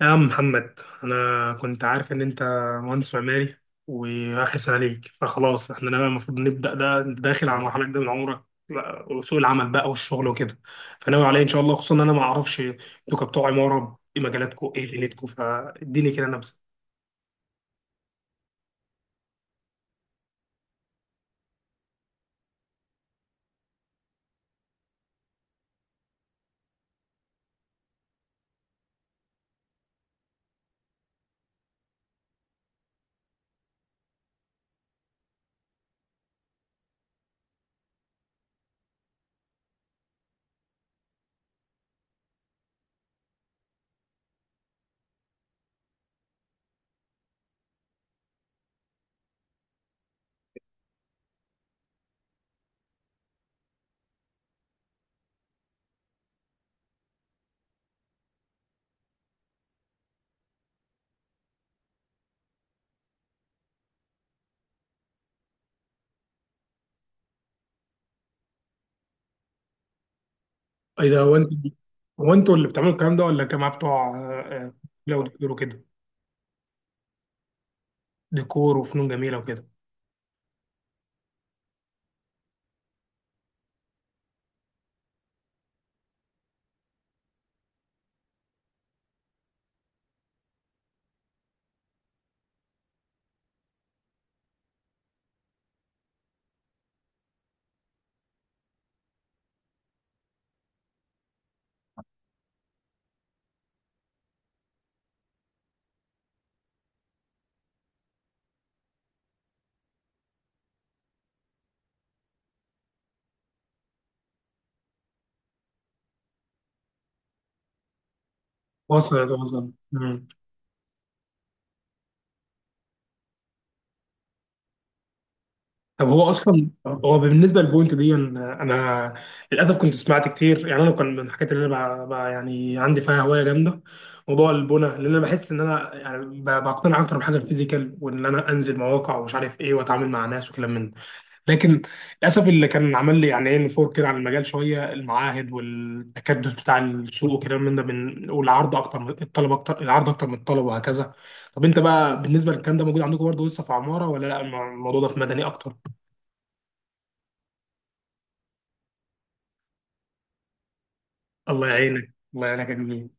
يا عم محمد، انا كنت عارف ان انت مهندس معماري واخر سنه ليك، فخلاص احنا بقى المفروض نبدا. ده انت داخل على مرحله جديده من عمرك بقى، وسوق العمل بقى والشغل وكده. فناوي عليا ان شاء الله؟ خصوصا ان انا ما اعرفش انتوا كبتوع عماره ايه مجالاتكم، ايه ليلتكم. فاديني كده نبذه. ايه ده، هو انت هو انتوا اللي بتعملوا الكلام ده ولا الجماعه بتوع آه، لا وديكور وكده، ديكور وفنون جميله وكده. وصلت وصلت. طب هو اصلا، هو بالنسبه للبوينت دي أنا للاسف كنت سمعت كتير. يعني انا كان من الحاجات اللي انا يعني عندي فيها هوايه جامده موضوع البنى. لان انا بحس ان انا يعني بقتنع اكتر بحاجه الفيزيكال، وان انا انزل مواقع ومش عارف ايه، واتعامل مع ناس وكلام من ده. لكن للاسف اللي كان عمل لي يعني ايه نفور كده عن المجال شويه، المعاهد والتكدس بتاع السوق وكلام من ده، من والعرض اكتر من الطلب، اكتر العرض اكتر من الطلب، وهكذا. طب انت بقى بالنسبه للكلام ده موجود عندكم برضه لسه في عماره ولا لا، الموضوع ده في مدني اكتر؟ الله يعينك الله يعينك يا جميل.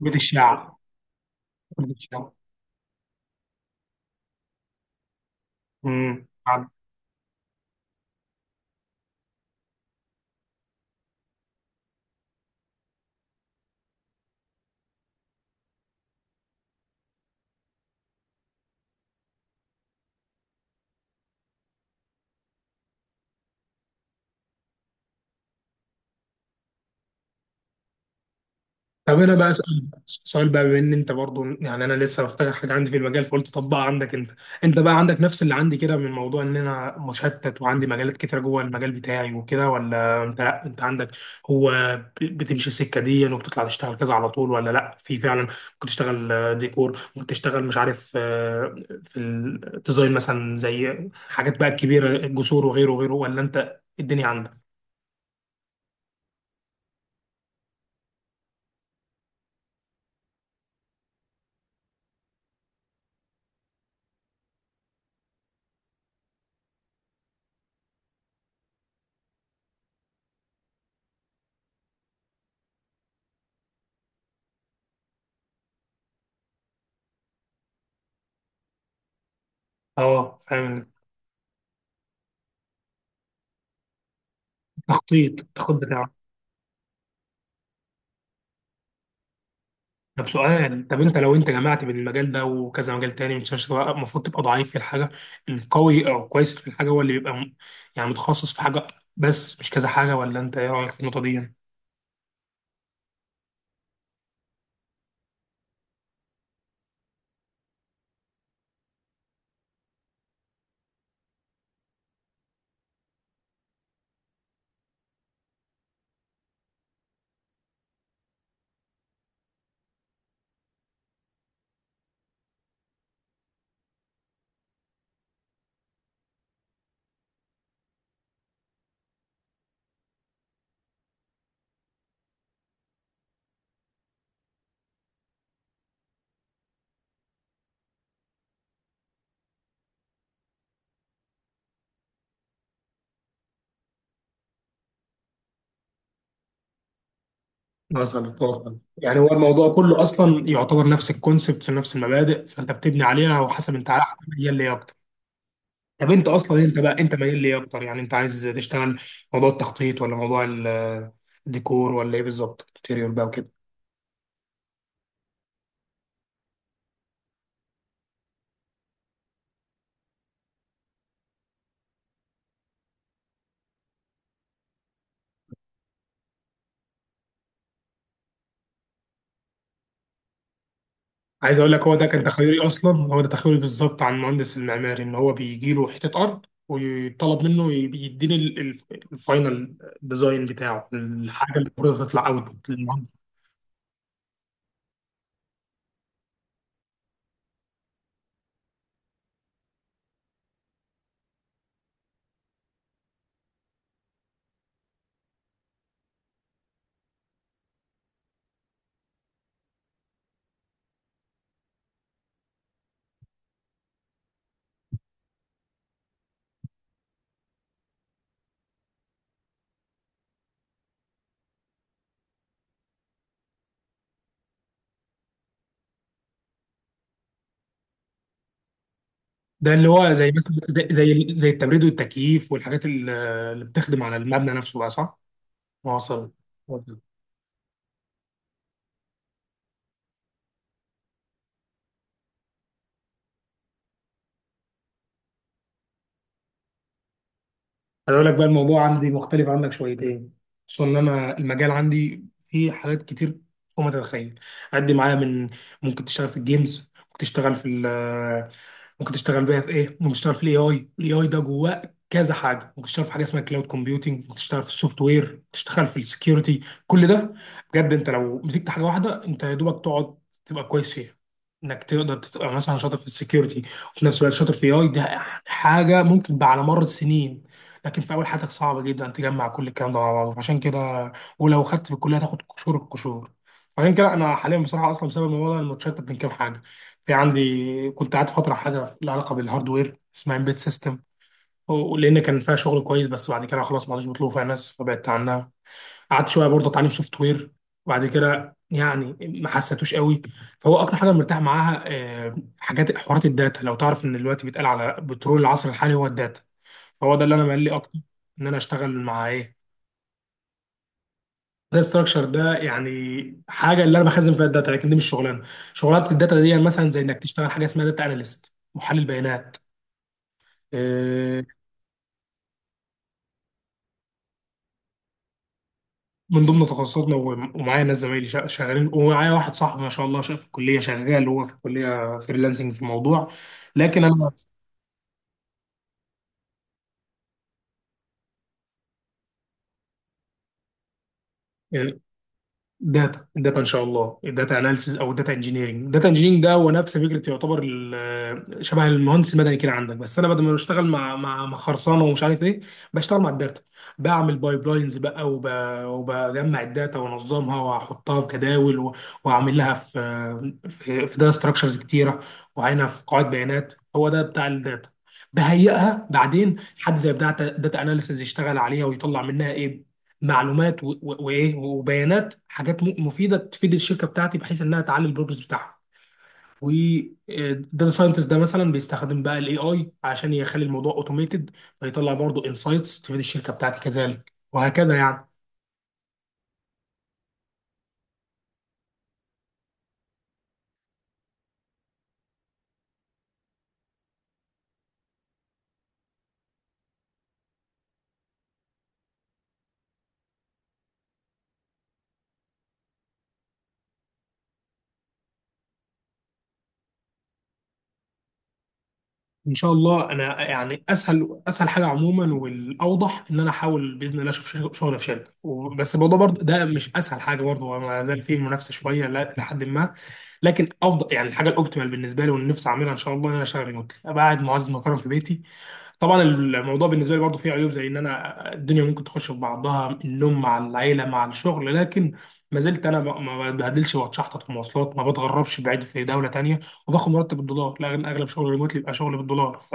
بيت الشعب. بيت الشعب. امم طب انا بقى اسال سؤال بقى، بما ان انت برضو، يعني انا لسه بفتكر حاجه عندي في المجال فقلت طبقها عندك انت. انت بقى عندك نفس اللي عندي كده من موضوع ان انا مشتت وعندي مجالات كتيره جوه المجال بتاعي وكده، ولا انت لأ، انت عندك هو بتمشي السكه دي وبتطلع تشتغل كذا على طول؟ ولا لا، في فعلا ممكن تشتغل ديكور، ممكن تشتغل مش عارف في الديزاين مثلا، زي حاجات بقى كبيره، جسور وغيره وغيره، ولا انت الدنيا عندك؟ اه فاهم. التخطيط التخطيط. طب سؤال يعني، طب انت لو انت جمعت بين المجال ده وكذا مجال تاني، مش شرط المفروض تبقى ضعيف في الحاجه القوي، او كويس في الحاجه هو اللي بيبقى يعني متخصص في حاجه، بس مش كذا حاجه، ولا انت ايه رايك في النقطه دي يعني؟ مثلا مثلا، يعني هو الموضوع كله اصلا يعتبر نفس الكونسبت ونفس المبادئ، فانت بتبني عليها وحسب انت ميال ليه اكتر. طب انت اصلا، انت بقى انت ميال ليه اكتر؟ يعني انت عايز تشتغل موضوع التخطيط، ولا موضوع الديكور، ولا ايه بالظبط؟ انتيريور بقى وكده. عايز اقول لك هو ده كان تخيلي اصلا، هو ده تخيلي بالظبط عن المهندس المعماري، ان هو بيجي له حته ارض ويطلب منه يديني الفاينل ديزاين بتاعه، الحاجه اللي المفروض تطلع اوت للمهندس. ده اللي هو زي مثلا زي زي التبريد والتكييف والحاجات اللي بتخدم على المبنى نفسه بقى، صح؟ واصل. هقول لك بقى، الموضوع عندي مختلف عنك شويتين، خصوصا ان انا المجال عندي فيه حاجات كتير فوق ما تتخيل. عدي معايا من ممكن تشتغل في الجيمز، ممكن تشتغل في ممكن تشتغل بقى في ايه، ممكن تشتغل في الاي اي، الاي اي ده جواه كذا حاجه، ممكن تشتغل في حاجه اسمها كلاود كومبيوتنج، ممكن تشتغل في السوفت وير، ممكن تشتغل في السكيورتي. كل ده بجد انت لو مسكت حاجه واحده انت يا دوبك تقعد تبقى كويس فيها. انك تقدر تبقى مثلا شاطر في السكيورتي وفي نفس الوقت شاطر في اي ده حاجه ممكن بقى على مر السنين، لكن في اول حياتك صعب جدا تجمع كل الكلام ده مع بعضه. عشان كده، ولو خدت في الكليه تاخد قشور القشور. عشان كده انا حاليا بصراحه، اصلا بسبب الموضوع ده أنا متشتت بين كام حاجه. في عندي كنت قاعد فتره حاجه لها علاقه بالهاردوير اسمها امبيد سيستم، لان كان فيها شغل كويس، بس بعد كده خلاص ما عادش بيطلبوا فيها ناس فبعدت عنها. قعدت شويه برضه اتعلم سوفت وير، وبعد كده يعني ما حسيتوش قوي. فهو اكتر حاجه مرتاح معاها حاجات حوارات الداتا. لو تعرف ان دلوقتي بيتقال على بترول العصر الحالي هو الداتا، فهو ده اللي انا مالي اكتر ان انا اشتغل مع ايه. ده ستراكشر ده يعني حاجه اللي انا بخزن فيها الداتا، لكن دي مش شغلانه. شغلات الداتا دي مثلا زي انك تشتغل حاجه اسمها داتا اناليست، محلل بيانات. آه، من ضمن تخصصاتنا، ومعايا ناس زمايلي شغالين، ومعايا واحد صاحبي ما شاء الله في الكليه شغال هو في الكليه فريلانسنج في الموضوع. لكن انا داتا، الداتا ان شاء الله، الداتا اناليسيز او الداتا انجينيرنج. الداتا انجينيرنج ده هو نفس فكره، يعتبر شبه المهندس المدني كده عندك، بس انا بدل ما بشتغل مع مع خرسانه ومش عارف ايه، بشتغل مع الداتا. بعمل بايبلاينز بقى، وب... وبجمع الداتا وانظمها واحطها في جداول، و... واعمل لها في في داتا ستراكشرز كتيره، وعينها في قواعد بيانات. هو ده بتاع الداتا، بهيئها بعدين حد زي بتاع داتا اناليسيز يشتغل عليها ويطلع منها ايه، معلومات وايه وبيانات، حاجات مفيده تفيد الشركه بتاعتي، بحيث انها تعلي البروجرس بتاعها. والداتا ساينتست ده مثلا بيستخدم بقى الاي اي عشان يخلي الموضوع اوتوميتد، فيطلع برضو انسايتس تفيد الشركه بتاعتي كذلك، وهكذا يعني. ان شاء الله انا يعني اسهل حاجه عموما والاوضح ان انا احاول باذن الله اشوف شغل في شركه بس الموضوع برضه ده مش اسهل حاجه برضه، هو ما زال فيه منافسه شويه لحد ما. لكن افضل يعني الحاجه الاوبتيمال بالنسبه لي واللي نفسي اعملها ان شاى الله، ان انا اشتغل ريموتلي، ابقى قاعد معزز مكرم في بيتي. طبعا الموضوع بالنسبه لي برضه فيه عيوب، زي ان انا الدنيا ممكن تخش في بعضها، النوم مع العيله مع الشغل، لكن ما زلت انا ما بتبهدلش واتشحطط في مواصلات، ما بتغربش بعيد في دوله تانية، وباخد مرتب بالدولار. لا اغلب شغل ريموتلي بيبقى شغل بالدولار، ف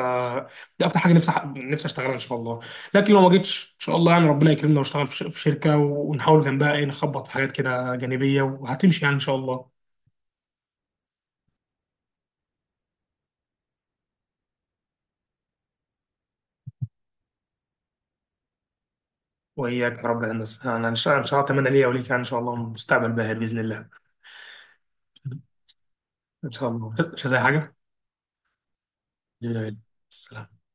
دي اكتر حاجه نفسي نفسي اشتغلها ان شاء الله. لكن لو ما جيتش ان شاء الله، يعني ربنا يكرمنا واشتغل في في شركه، ونحاول جنبها ايه، نخبط في حاجات كده جانبيه، وهتمشي يعني ان شاء الله. وإياك يا رب، يا هندسة، أنا إن شاء الله أتمنى ليا وليك، يعني إن شاء الله مستقبل باهر بإذن الله. إن شاء الله مش عايز أي حاجة. يلا بينا. السلام.